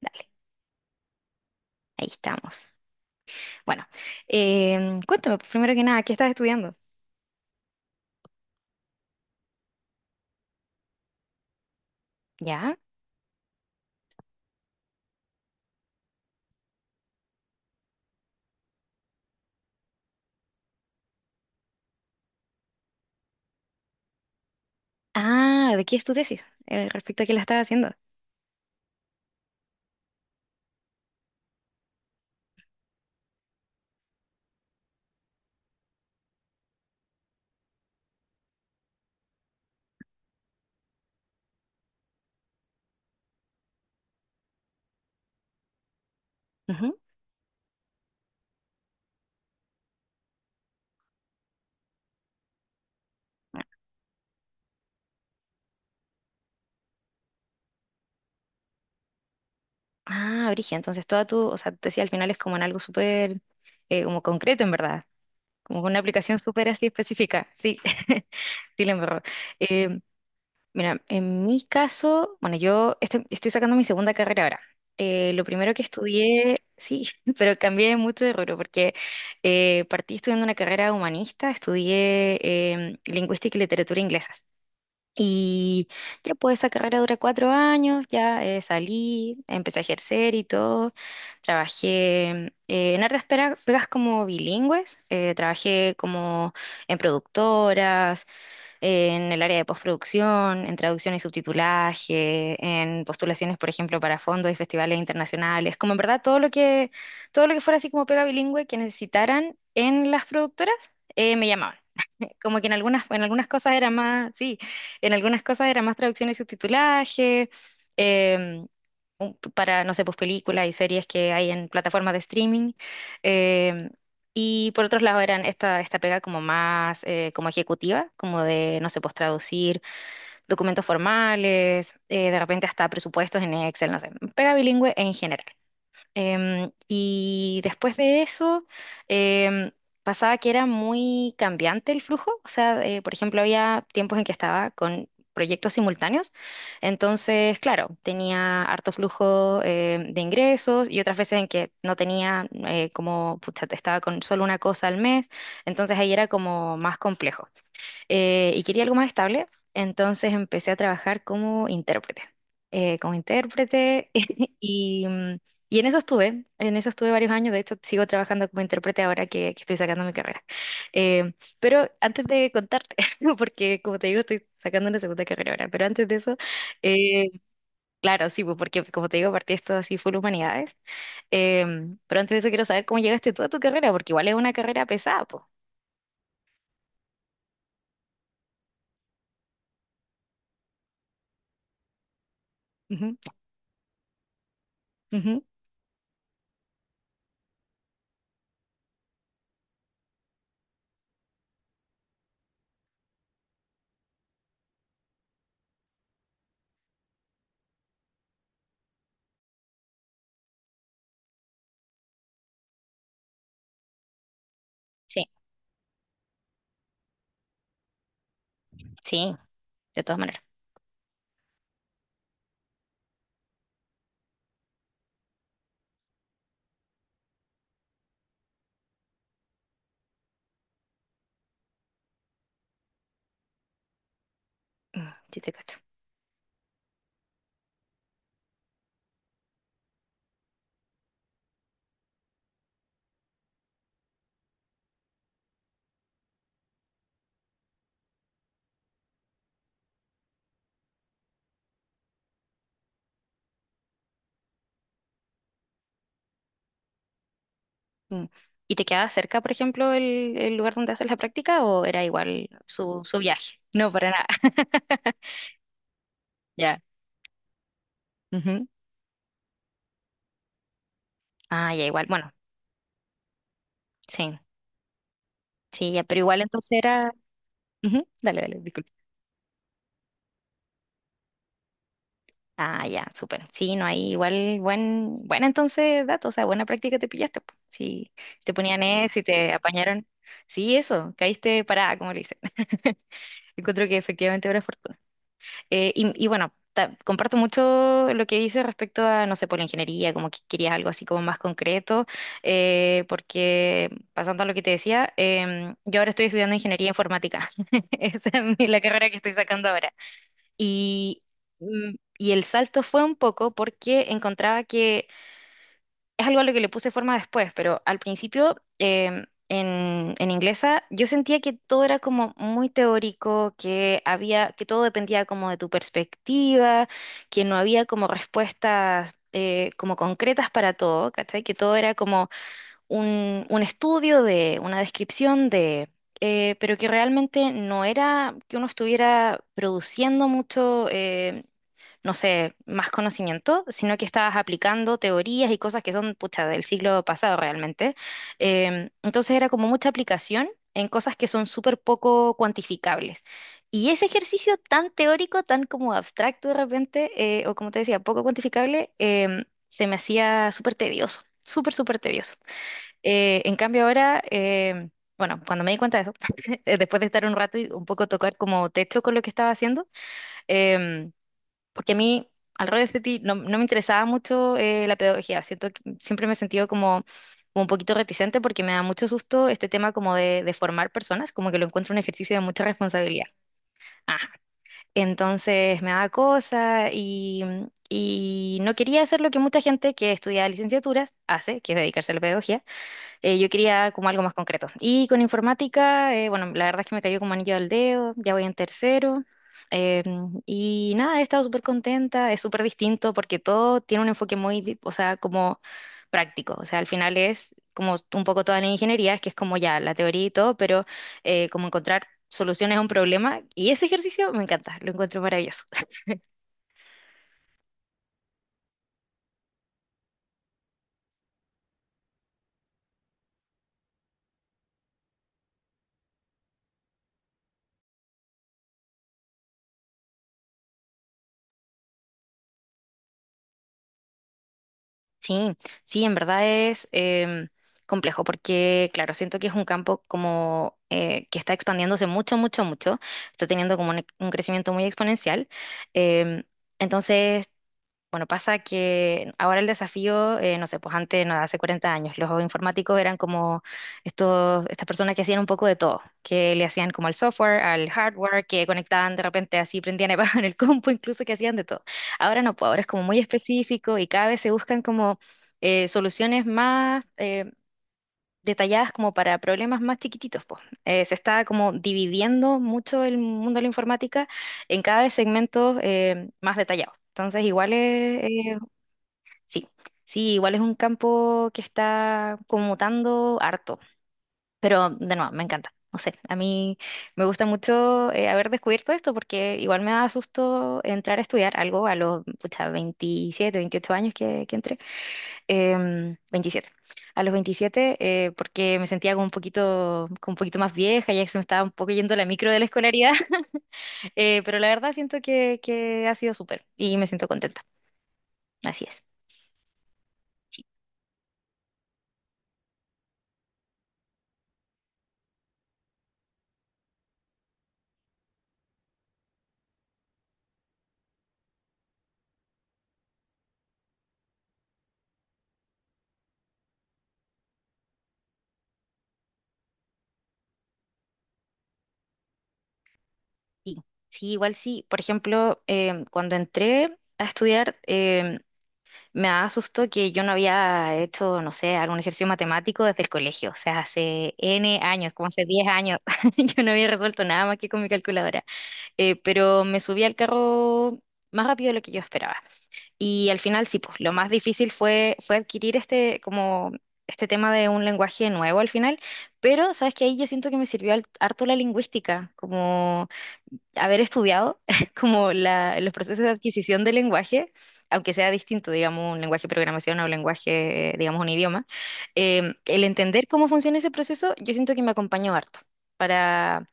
Dale, ahí estamos. Bueno, cuéntame, pues, primero que nada, ¿qué estás estudiando? ¿Ya? Ah, ¿de qué es tu tesis? Respecto a qué la estás haciendo. Ujú. Ah, Brigia, entonces toda tu, o sea, tu tesis al final es como en algo súper, como concreto en verdad, como con una aplicación súper así específica, sí, dile en verdad. Em, Mira, en mi caso, bueno, yo estoy sacando mi segunda carrera ahora. Lo primero que estudié, sí, pero cambié mucho de rubro porque partí estudiando una carrera humanista, estudié lingüística y literatura inglesas. Y ya pues esa carrera dura cuatro años, ya salí, empecé a ejercer y todo. Trabajé en hartas pegas como bilingües, trabajé como en productoras, en el área de postproducción, en traducción y subtitulaje, en postulaciones, por ejemplo, para fondos y festivales internacionales, como en verdad todo lo que fuera así como pega bilingüe que necesitaran en las productoras, me llamaban como que en algunas cosas era más, sí, en algunas cosas era más traducción y subtitulaje, em, un- para, no sé, pues películas y series que hay en plataformas de streaming. em, y por otros lados eran esta pega como más como ejecutiva, como de, no sé, pues traducir documentos formales, de repente hasta presupuestos en Excel, no sé, pega bilingüe en general. Y después de eso, em, pasaba que era muy cambiante el flujo. O sea, por ejemplo, había tiempos en que estaba con proyectos simultáneos. Entonces, claro, tenía harto flujo de ingresos y otras veces en que no tenía, como, pucha, estaba con solo una cosa al mes. Entonces ahí era como más complejo y quería algo más estable, entonces empecé a trabajar como intérprete y, mm, y en eso estuve varios años, de hecho sigo trabajando como intérprete ahora que estoy sacando mi carrera. Eh, pero antes de contarte, porque como te digo, estoy sacando una segunda carrera ahora, pero antes de eso, eh, claro, sí, pues, porque como te digo, partí esto así full humanidades. Pero antes de eso quiero saber cómo llegaste tú a tu carrera, porque igual es una carrera pesada, pues. Ujú, ujú. Sí, sí, de todas maneras. Mm, sí te cacho. Mm. ¿Y te quedaba cerca, por ejemplo, el lugar donde haces la práctica o era igual su viaje? No, para nada. Ya. Ujú. Ah, ya, igual. Bueno, sí, sí, ya, pero igual entonces era... Ujú. Dale, dale, disculpa. Ah, ya, súper. Sí, no, hay igual buena entonces datos, o sea, buena práctica te pillaste. Po. Sí, si te ponían eso y te apañaron. Sí, eso, caíste parada, como le dicen. Encuentro que efectivamente era fortuna. Y bueno, ta- comparto mucho lo que dices respecto a, no sé, por la ingeniería, como que querías algo así como más concreto, porque pasando a lo que te decía, yo ahora estoy estudiando ingeniería informática. Esa es mi- la carrera que estoy sacando ahora. Y, mm, y el salto fue un poco porque encontraba que es algo a lo que le puse forma después, pero al principio en inglesa yo sentía que todo era como muy teórico, que había, que todo dependía como de tu perspectiva, que no había como respuestas como concretas para todo, ¿cachai? Que todo era como un estudio de, una descripción de... pero que realmente no era que uno estuviera produciendo mucho, no sé, más conocimiento, sino que estabas aplicando teorías y cosas que son, pucha, del siglo pasado realmente. Entonces era como mucha aplicación en cosas que son súper poco cuantificables. Y ese ejercicio tan teórico, tan como abstracto de repente, o como te decía, poco cuantificable, se me hacía súper tedioso, súper, súper tedioso. En cambio ahora... Bueno, cuando me di cuenta de eso, después de estar un rato y un poco tocar como techo con lo que estaba haciendo, em, porque a mí, al revés de ti, no me interesaba mucho la pedagogía. Siento que siempre me he sentido como, como un poquito reticente porque me da mucho susto este tema como de formar personas, como que lo encuentro un ejercicio de mucha responsabilidad. Ah, entonces me da cosa y no quería hacer lo que mucha gente que estudia licenciaturas hace, que es dedicarse a la pedagogía. Yo quería como algo más concreto. Y con informática, bueno, la verdad es que me cayó como anillo al dedo, ya voy en tercero. Eh, y nada, he estado súper contenta, es súper distinto porque todo tiene un enfoque muy, di- o sea, como práctico. O sea, al final es como un poco toda la ingeniería, es que es como ya la teoría y todo, pero como encontrar soluciones a un problema. Y ese ejercicio me encanta, lo encuentro maravilloso. Sí, sí, en verdad es complejo porque, claro, siento que es un campo como que está expandiéndose mucho, mucho, mucho, está teniendo como un crecimiento muy exponencial. Em, entonces, bueno, pasa que ahora el desafío, no sé, pues antes, no, hace 40 años, los informáticos eran como estas personas que hacían un poco de todo, que le hacían como al software, al hardware, que conectaban de repente así, prendían y bajaban el compu, incluso que hacían de todo. Ahora no, pues ahora es como muy específico y cada vez se buscan como soluciones más detalladas como para problemas más chiquititos, pues. Se está como dividiendo mucho el mundo de la informática en cada vez segmentos más detallados. Entonces, igual es, sí, sí, igual es un campo que está como mutando harto, pero de nuevo, me encanta. No sé, a mí me gusta mucho haber descubierto esto porque igual me da susto entrar a estudiar algo a los pucha, 27, 28 años que entré. Em, 27. A los 27, porque me sentía como un poquito más vieja, ya que se me estaba un poco yendo la micro de la escolaridad, pero la verdad siento que ha sido súper y me siento contenta. Así es. Sí, sí, igual sí. Por ejemplo, cuando entré a estudiar, me asustó que yo no había hecho, no sé, algún ejercicio matemático desde el colegio. O sea, hace N años, como hace 10 años, yo no había resuelto nada más que con mi calculadora. Pero me subí al carro más rápido de lo que yo esperaba. Y al final, sí, pues lo más difícil fue adquirir este, como, este tema de un lenguaje nuevo al final. Pero, ¿sabes qué? Ahí yo siento que me sirvió al- harto la lingüística, como haber estudiado como la- los procesos de adquisición del lenguaje, aunque sea distinto, digamos, un lenguaje de programación o un lenguaje, digamos, un idioma, el entender cómo funciona ese proceso, yo siento que me acompañó harto para,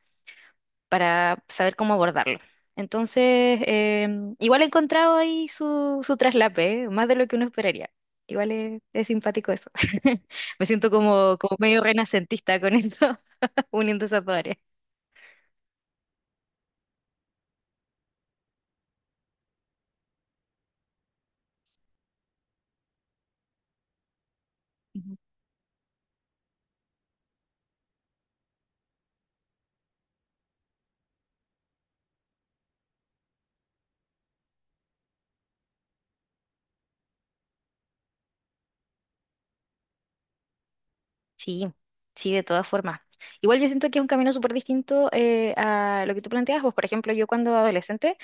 para saber cómo abordarlo. Entonces, igual he encontrado ahí su traslape, ¿eh? Más de lo que uno esperaría. Igual es simpático eso. Me siento como, como medio renacentista con esto, uniendo esas dos áreas. Sí, sí, de todas formas. Igual yo siento que es un camino súper distinto a lo que tú planteas. Pues, por ejemplo, yo cuando adolescente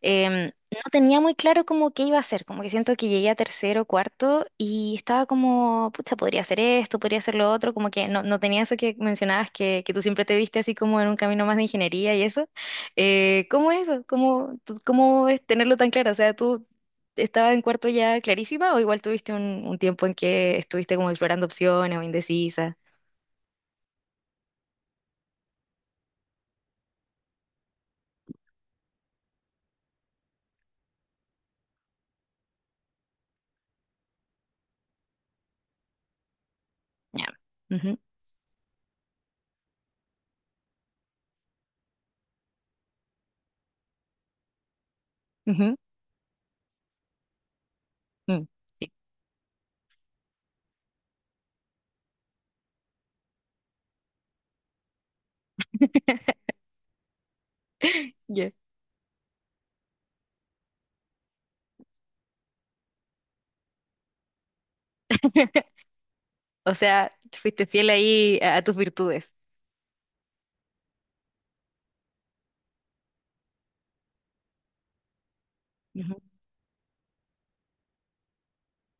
no tenía muy claro como qué iba a hacer. Como que siento que llegué a tercero, cuarto y estaba como, pucha, podría hacer esto, podría hacer lo otro. Como que no, no tenía eso que mencionabas, que tú siempre te viste así como en un camino más de ingeniería y eso. ¿Cómo es eso? ¿Cómo, tú- cómo es tenerlo tan claro? O sea, ¿tú estabas en cuarto ya clarísima o igual tuviste un tiempo en que estuviste como explorando opciones o indecisa? Ya. Ujú, ujú, mm, sí. Ya. O sea, fuiste fiel ahí a tus virtudes. Ujú.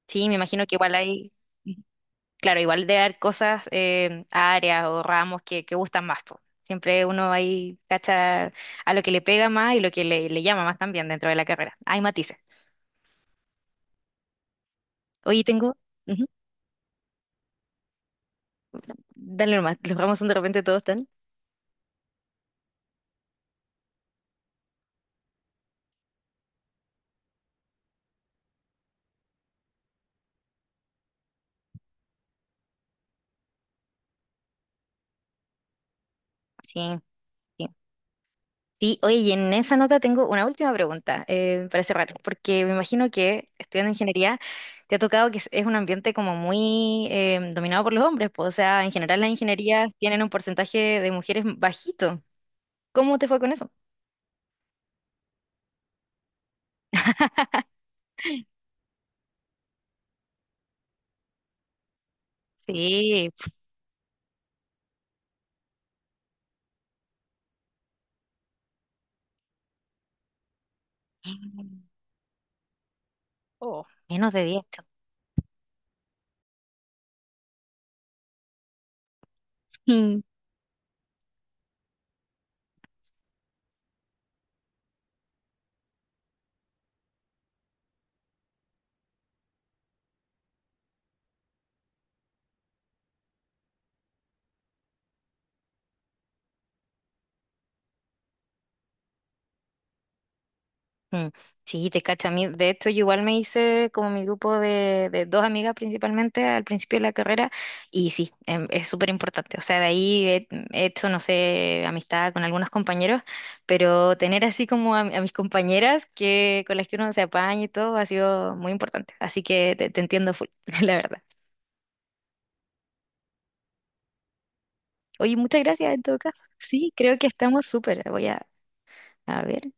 Sí, me imagino que igual hay, ujú, claro, igual debe haber cosas, áreas o ramos que gustan más. Po. Siempre uno ahí cacha a lo que le pega más y lo que le llama más también dentro de la carrera. Hay matices. Oye, tengo, ujú, dale nomás, los ramos son de repente todos tan. Sí, sí. Sí, oye, y en esa nota tengo una última pregunta para cerrar, porque me imagino que estudiando ingeniería te ha tocado que es un ambiente como muy dominado por los hombres, pues, o sea, en general las ingenierías tienen un porcentaje de mujeres bajito. ¿Cómo te fue con eso? Sí. Oh. Menos de diez. Mm, sí, te cacho a mí. De hecho, yo igual me hice como mi grupo de dos amigas principalmente al principio de la carrera y sí, es súper importante. O sea, de ahí he hecho, no sé, amistad con algunos compañeros, pero tener así como a mis compañeras que, con las que uno se apaña y todo ha sido muy importante. Así que te entiendo full, la verdad. Oye, muchas gracias en todo caso. Sí, creo que estamos súper. Voy a ver.